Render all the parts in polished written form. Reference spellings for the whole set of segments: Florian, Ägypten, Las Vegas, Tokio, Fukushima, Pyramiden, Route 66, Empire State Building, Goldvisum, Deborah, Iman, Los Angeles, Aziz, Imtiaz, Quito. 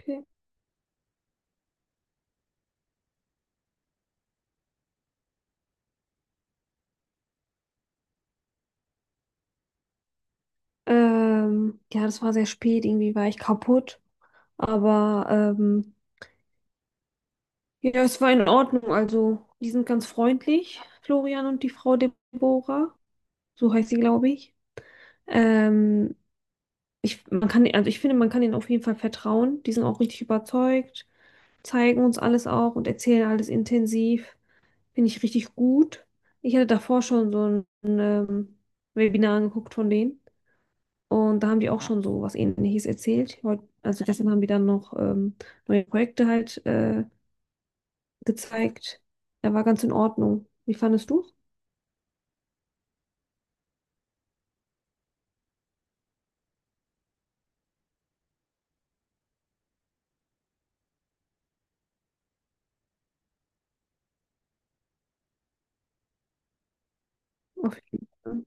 Okay. Ja, das war sehr spät, irgendwie war ich kaputt. Aber ja, es war in Ordnung. Also, die sind ganz freundlich, Florian und die Frau Deborah. So heißt sie, glaube ich. Ähm, man kann, also ich finde, man kann ihnen auf jeden Fall vertrauen. Die sind auch richtig überzeugt, zeigen uns alles auch und erzählen alles intensiv. Finde ich richtig gut. Ich hatte davor schon so ein, Webinar angeguckt von denen. Und da haben die auch schon so was Ähnliches erzählt. Heut, also gestern haben die dann noch neue Projekte halt gezeigt. Er war ganz in Ordnung. Wie fandest du? Auf jeden Fall.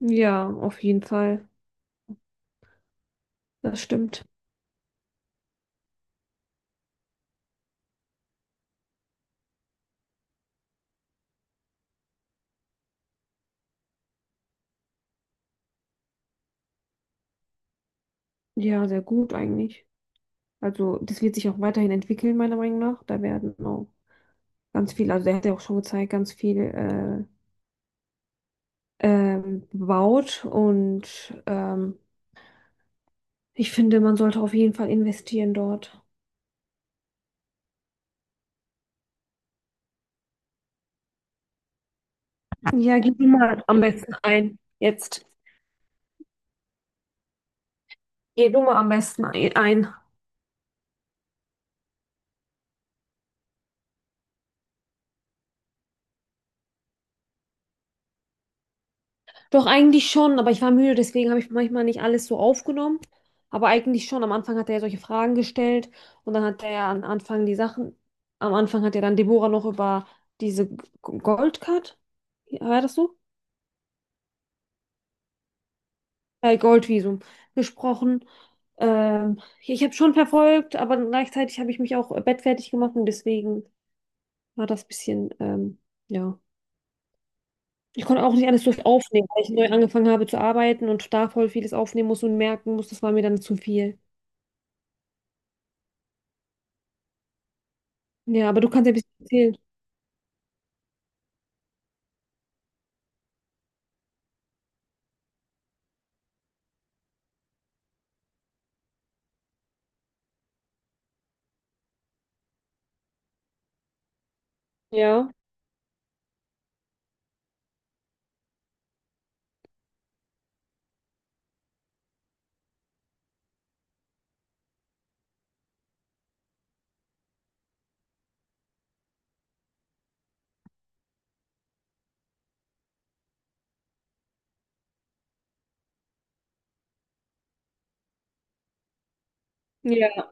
Ja, auf jeden Fall. Das stimmt. Ja, sehr gut eigentlich. Also das wird sich auch weiterhin entwickeln, meiner Meinung nach. Da werden auch ganz viel, also der hat ja auch schon gezeigt, ganz viel gebaut. Und ich finde, man sollte auf jeden Fall investieren dort. Ja, gib mir mal am besten ein. Jetzt. Geh du mal am besten ein. Doch, eigentlich schon, aber ich war müde, deswegen habe ich manchmal nicht alles so aufgenommen. Aber eigentlich schon. Am Anfang hat er ja solche Fragen gestellt und dann hat er ja am Anfang die Sachen. Am Anfang hat ja dann Deborah noch über diese Goldcard, war das so? Goldvisum gesprochen. Ich habe schon verfolgt, aber gleichzeitig habe ich mich auch bettfertig gemacht und deswegen war das bisschen, ja. Ich konnte auch nicht alles durch aufnehmen, weil ich neu angefangen habe zu arbeiten und da voll vieles aufnehmen muss und merken muss, das war mir dann zu viel. Ja, aber du kannst ja ein bisschen erzählen. Ja, ja,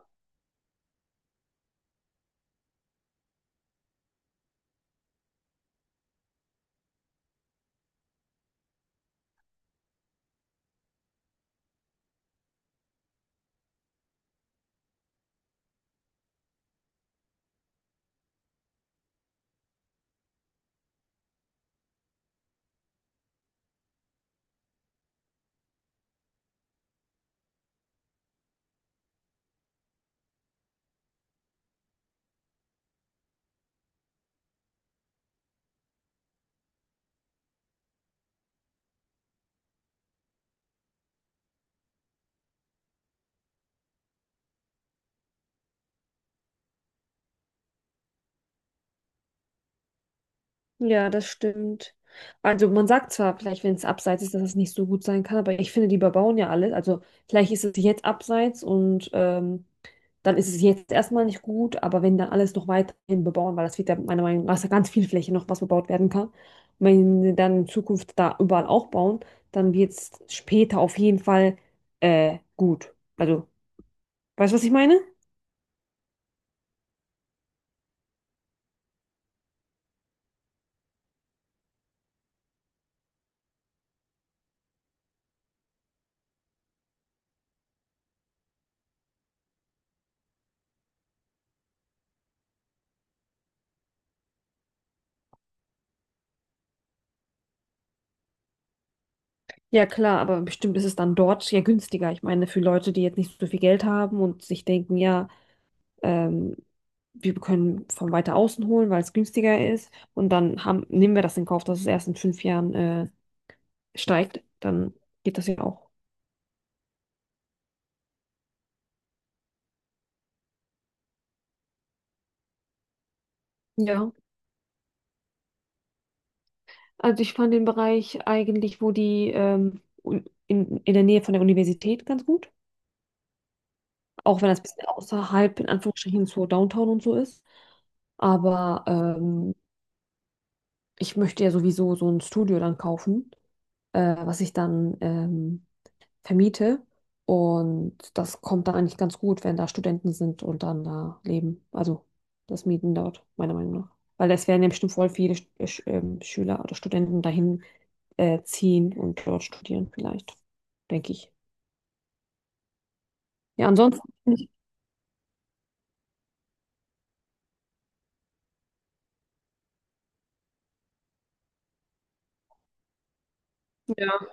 ja, das stimmt. Also man sagt zwar vielleicht, wenn es abseits ist, dass es nicht so gut sein kann, aber ich finde, die überbauen ja alles. Also vielleicht ist es jetzt abseits und dann ist es jetzt erstmal nicht gut, aber wenn dann alles noch weiterhin bebauen, weil das wird ja meiner Meinung nach ist ja ganz viel Fläche noch, was bebaut werden kann, wenn sie dann in Zukunft da überall auch bauen, dann wird es später auf jeden Fall gut. Also, weißt du, was ich meine? Ja, klar, aber bestimmt ist es dann dort ja günstiger. Ich meine, für Leute, die jetzt nicht so viel Geld haben und sich denken, ja, ähm, wir können von weiter außen holen, weil es günstiger ist. Und dann haben, nehmen wir das in Kauf, dass es erst in 5 Jahren steigt. Dann geht das ja auch. Ja, also ich fand den Bereich eigentlich, wo die in der Nähe von der Universität ganz gut, auch wenn das ein bisschen außerhalb in Anführungsstrichen so Downtown und so ist. Aber ich möchte ja sowieso so ein Studio dann kaufen, was ich dann vermiete. Und das kommt dann eigentlich ganz gut, wenn da Studenten sind und dann da leben. Also das Mieten dort, meiner Meinung nach. Weil es werden ja bestimmt voll viele Schüler oder Studenten dahin ziehen und dort studieren, vielleicht, denke ich. Ja, ansonsten nicht mehr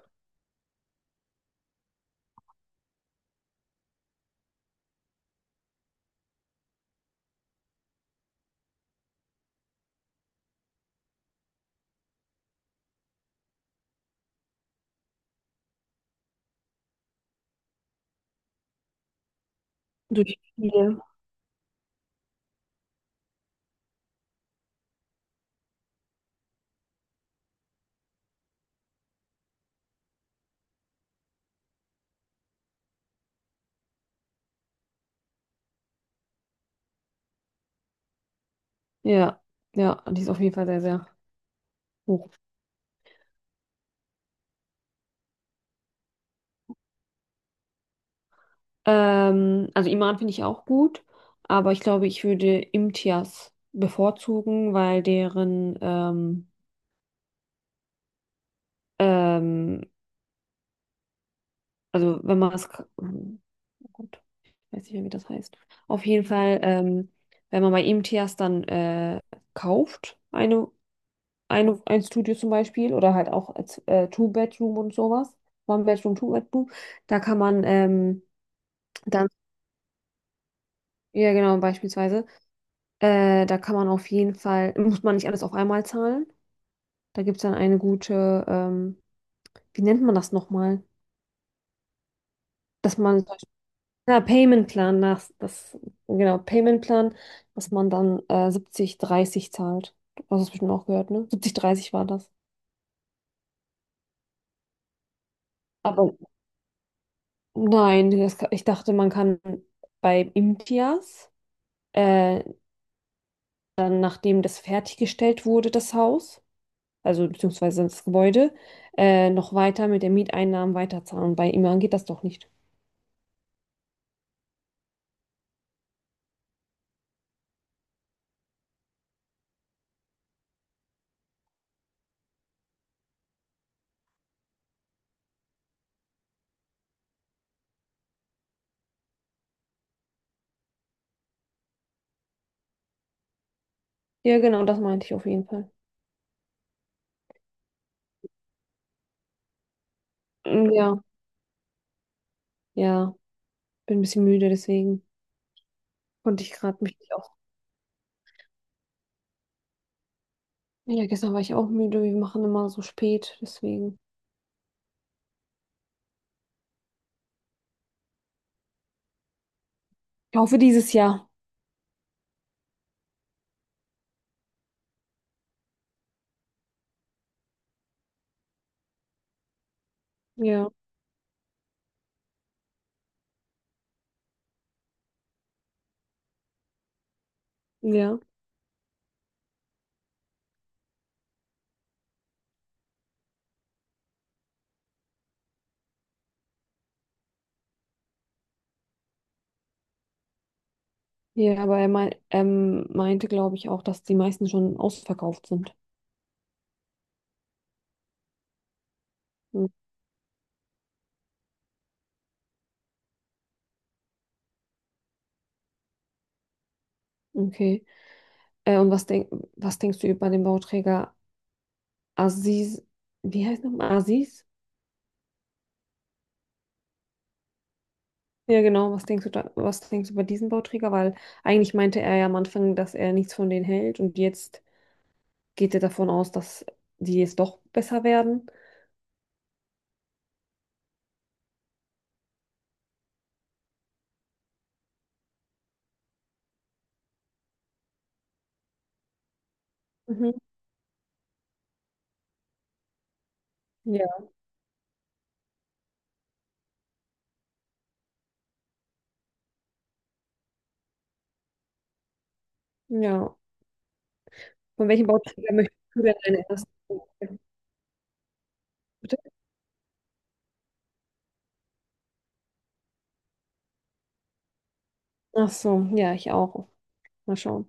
durch viele. Ja, ja, die ist auf jeden Fall sehr, sehr hoch. Also Iman finde ich auch gut, aber ich glaube, ich würde Imtiaz bevorzugen, weil deren ähm, also wenn man es, hm, oh Gott, weiß nicht mehr, wie das heißt. Auf jeden Fall, wenn man bei ihm Tias dann kauft, ein Studio zum Beispiel, oder halt auch als, Two-Bedroom und sowas, One-Bedroom, Two-Bedroom, da kann man dann, ja genau, beispielsweise, da kann man auf jeden Fall, muss man nicht alles auf einmal zahlen. Da gibt es dann eine gute, wie nennt man das nochmal? Dass man Ja, Payment-Plan nach, das, genau, Payment-Plan, dass man dann 70, 30 zahlt. Du hast es bestimmt auch gehört, ne? 70, 30 war das. Aber nein, das, ich dachte, man kann bei Imtias, äh, dann nachdem das fertiggestellt wurde, das Haus, also beziehungsweise das Gebäude, noch weiter mit den Mieteinnahmen weiterzahlen. Bei Iman geht das doch nicht. Ja, genau, das meinte ich auf jeden Fall. Mm, ja, ja, bin ein bisschen müde, deswegen konnte ich gerade mich nicht. Ja, gestern war ich auch müde. Wir machen immer so spät, deswegen. Ich hoffe, dieses Jahr. Ja, ja. Ja, aber er meinte, glaube ich, auch, dass die meisten schon ausverkauft sind. Hm, okay. Und was denkst du über den Bauträger Aziz? Wie heißt nochmal? Aziz? Ja, genau. Was denkst du da, was denkst du über diesen Bauträger? Weil eigentlich meinte er ja am Anfang, dass er nichts von denen hält und jetzt geht er davon aus, dass die jetzt doch besser werden. Mhm. Ja. Ja, von welchem Bauträger möchtest du denn deine erste? Bitte? Ach so, ja, ich auch. Mal schauen.